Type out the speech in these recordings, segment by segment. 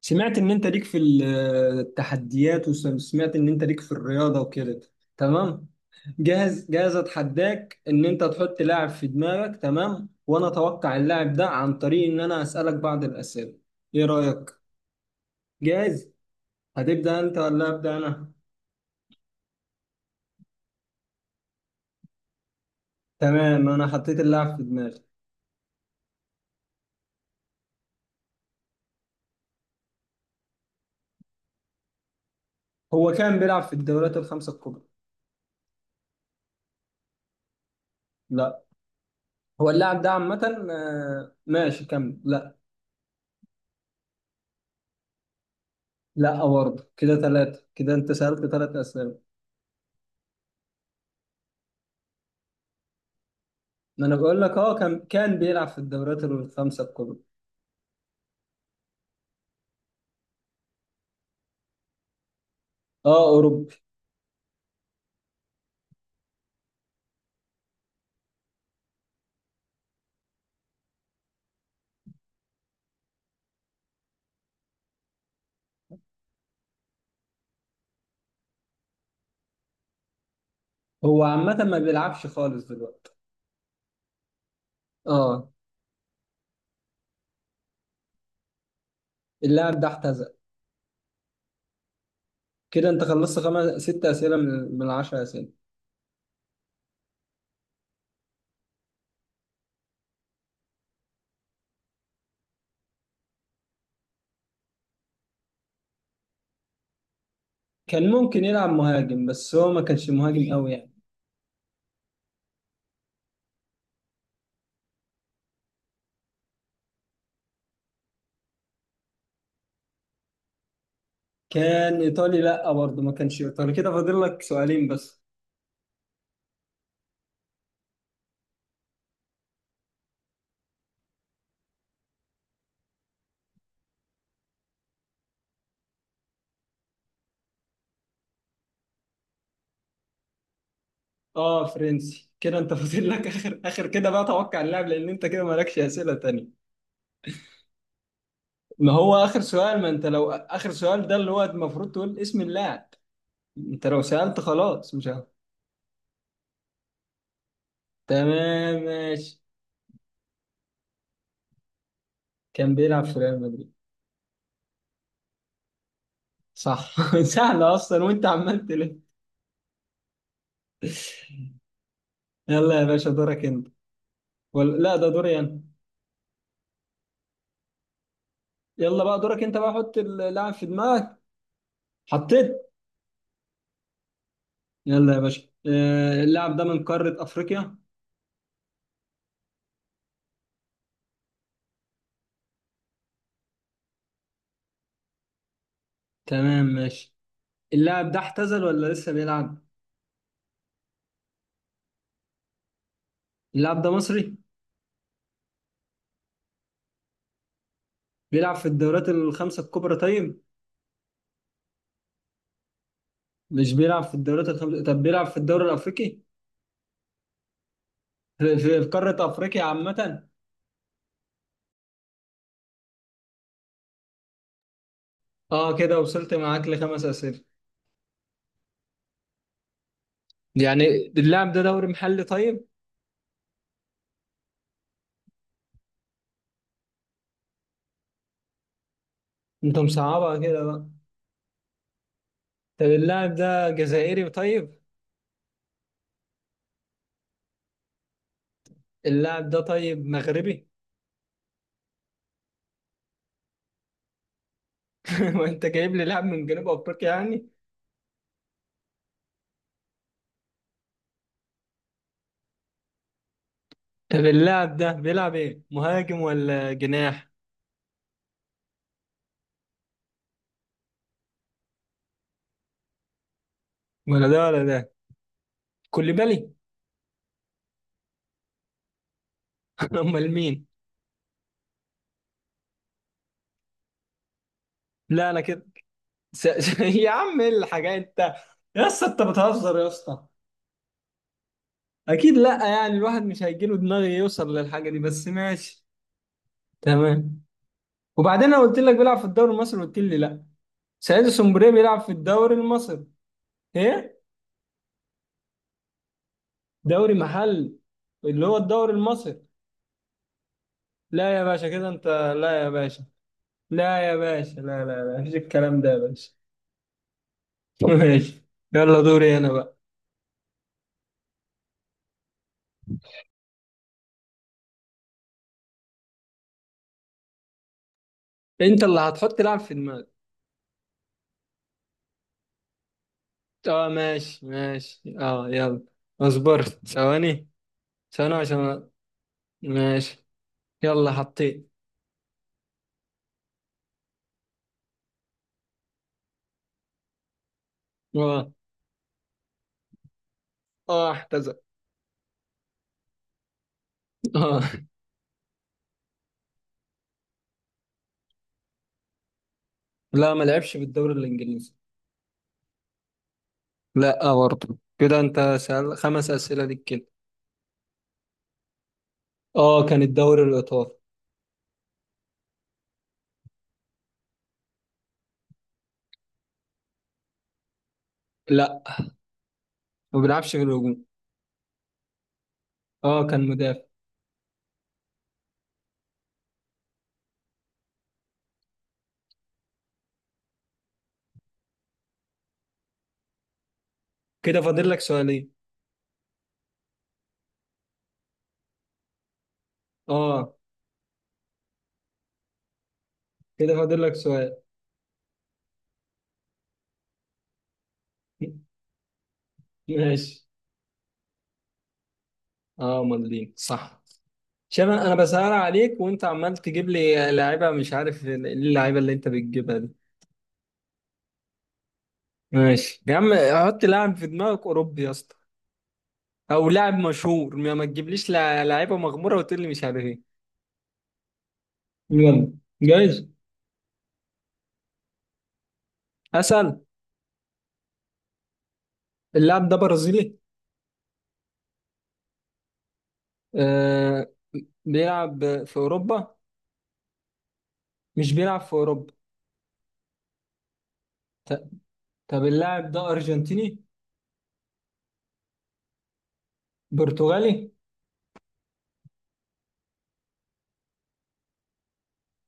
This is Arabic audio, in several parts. سمعت ان انت ليك في التحديات، وسمعت ان انت ليك في الرياضه وكده. تمام. جاهز؟ جاهز؟ اتحداك ان انت تحط لاعب في دماغك. تمام، وانا اتوقع اللاعب ده عن طريق ان انا اسالك بعض الاسئله. ايه رايك؟ جاهز؟ هتبدا انت ولا ابدا انا؟ تمام، انا حطيت اللاعب في دماغي. هو كان بيلعب في الدوريات الخمسه الكبرى؟ لا. هو اللاعب ده عامه، ماشي كمل. لا، لا برضه كده، ثلاثه، كده انت سالت 3 اسئله. ما انا بقول لك، اه، كان بيلعب في الدوريات الخمسه الكبرى. اه اوروبي. هو عامه ما بيلعبش خالص دلوقتي. اه. اللاعب ده اعتزل. كده انت خلصت خمس ست اسئله من 10 اسئله. كان ممكن يلعب مهاجم بس هو ما كانش مهاجم قوي يعني. كان ايطالي؟ لا، برضه ما كانش ايطالي. كده فاضل لك سؤالين بس. اه فرنسي. كده انت فاضل لك اخر كده، بقى توقع اللاعب، لان انت كده مالكش اسئله تانية. ما هو اخر سؤال. ما انت لو اخر سؤال ده، اللي هو المفروض تقول اسم اللاعب. انت لو سألت خلاص مش عارف. تمام ماشي. كان بيلعب في ريال مدريد؟ صح. سهلة أصلا وأنت عمال تلف. يلا يا باشا، دورك أنت. ولا، لا، ده دوري أنا. يلا بقى دورك أنت بقى، حط اللاعب في دماغك. حطيت. يلا يا باشا، اللاعب ده من قارة أفريقيا. تمام ماشي. اللاعب ده اعتزل ولا لسه بيلعب؟ اللاعب ده مصري؟ بيلعب في الدورات الخمسة الكبرى؟ طيب. مش بيلعب في الدورات الخمسة. طب بيلعب في الدوري الأفريقي؟ في قارة أفريقيا عامة. اه كده وصلت معاك لخمس اسئله، يعني. اللاعب ده دوري محلي؟ طيب. انت مصعبها كده بقى. طب اللاعب ده جزائري؟ طيب. اللاعب ده طيب مغربي؟ وانت جايب لي لاعب من جنوب افريقيا يعني. طب اللاعب ده بيلعب ايه، مهاجم ولا جناح؟ ولا ده ولا ده. كوليبالي؟ امال مين؟ لا، لا كده. يا عم ايه الحاجات؟ انت. يا اسطى، انت بتهزر يا اسطى. اكيد لا، يعني الواحد مش هيجيله دماغ يوصل للحاجه دي، بس ماشي. تمام. وبعدين انا قلت لك بيلعب في الدوري المصري، قلت لي لا. سعيد السومبري بيلعب في الدوري المصري. ايه. دوري محل، اللي هو الدوري المصري. لا يا باشا، كده انت. لا يا باشا. لا يا باشا، لا، لا، لا، مفيش الكلام ده يا باشا. ماشي. يلا دوري انا بقى. انت اللي هتحط لاعب في دماغك. اه، ماشي ماشي، اه، يلا. اصبر ثواني. ثواني عشان. ماشي. يلا حطيت. اه. اه احتزل. اه. لا ما لعبش في الدوري الانجليزي. لا، برضه كده انت. سأل خمس اسئله ليك كده. اه كان الدوري الايطالي. لا، ما بيلعبش في الهجوم. اه كان مدافع. كده فاضل لك سؤالين. اه كده فاضل لك سؤال. ماشي. اه مالدين صح. شباب، انا بسأل عليك وانت عمال تجيب لي لعيبه مش عارف ايه اللعيبه اللي انت بتجيبها دي. ماشي يا عم. حط لاعب في دماغك اوروبي يا اسطى. او لاعب مشهور، ما تجيبليش لعيبه مغموره وتقول لي مش عارف ايه. يلا. جايز. اسال. اللاعب ده برازيلي؟ آه. بيلعب في أوروبا؟ مش بيلعب في أوروبا. ط- طب اللاعب ده أرجنتيني؟ برتغالي.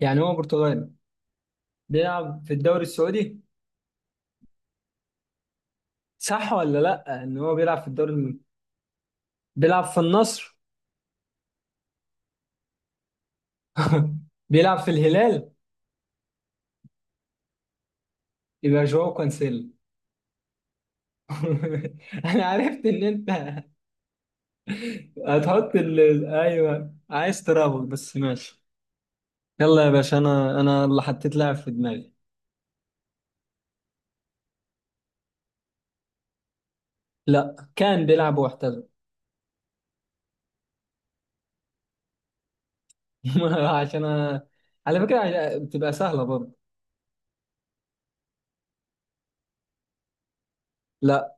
يعني هو برتغالي. بيلعب في الدوري السعودي؟ صح ولا لأ، إن هو بيلعب في بيلعب في النصر؟ بيلعب في الهلال؟ يبقى جواو كانسيلو. أنا عرفت إن أنت أيوه عايز ترابط، بس ماشي. يلا يا باشا، أنا اللي حطيت لاعب في دماغي. لأ كان بيلعب واحترف. عشان أ... على فكرة، بتبقى سهلة برضه. لا.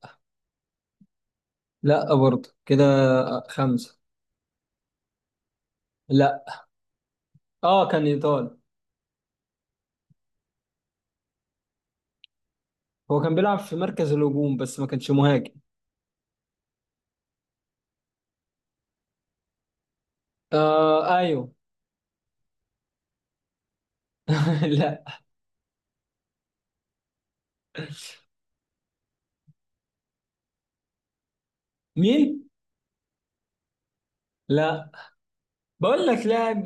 لا برضه كده. خمسة. لا. اه كان ايطالي. هو كان بيلعب في مركز الهجوم بس ما كانش مهاجم. آه ايوه. لا. مين؟ لا بقول لك لاعب،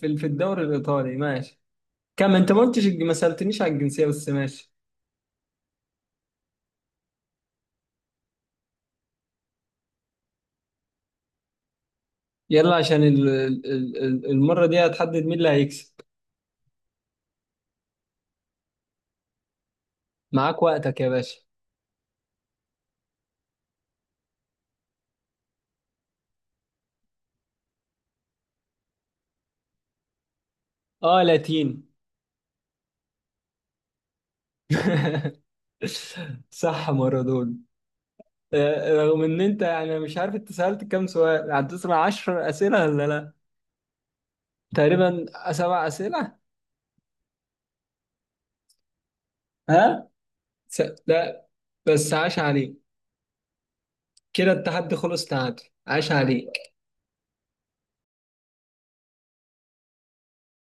في الدوري الايطالي ماشي. كم انت ما قلتش، ما سألتنيش على الجنسية، بس ماشي. يلا عشان المرة دي هتحدد مين اللي هيكسب. معاك وقتك يا باشا. اه لاتين. صح مارادونا. رغم ان انت يعني مش عارف، انت سألت كام سؤال، عديت من 10 اسئله ولا لا. تقريبا 7 اسئله. ها. س... لا، بس عاش عليه. كده التحدي خلص تعادل، عاش عليه.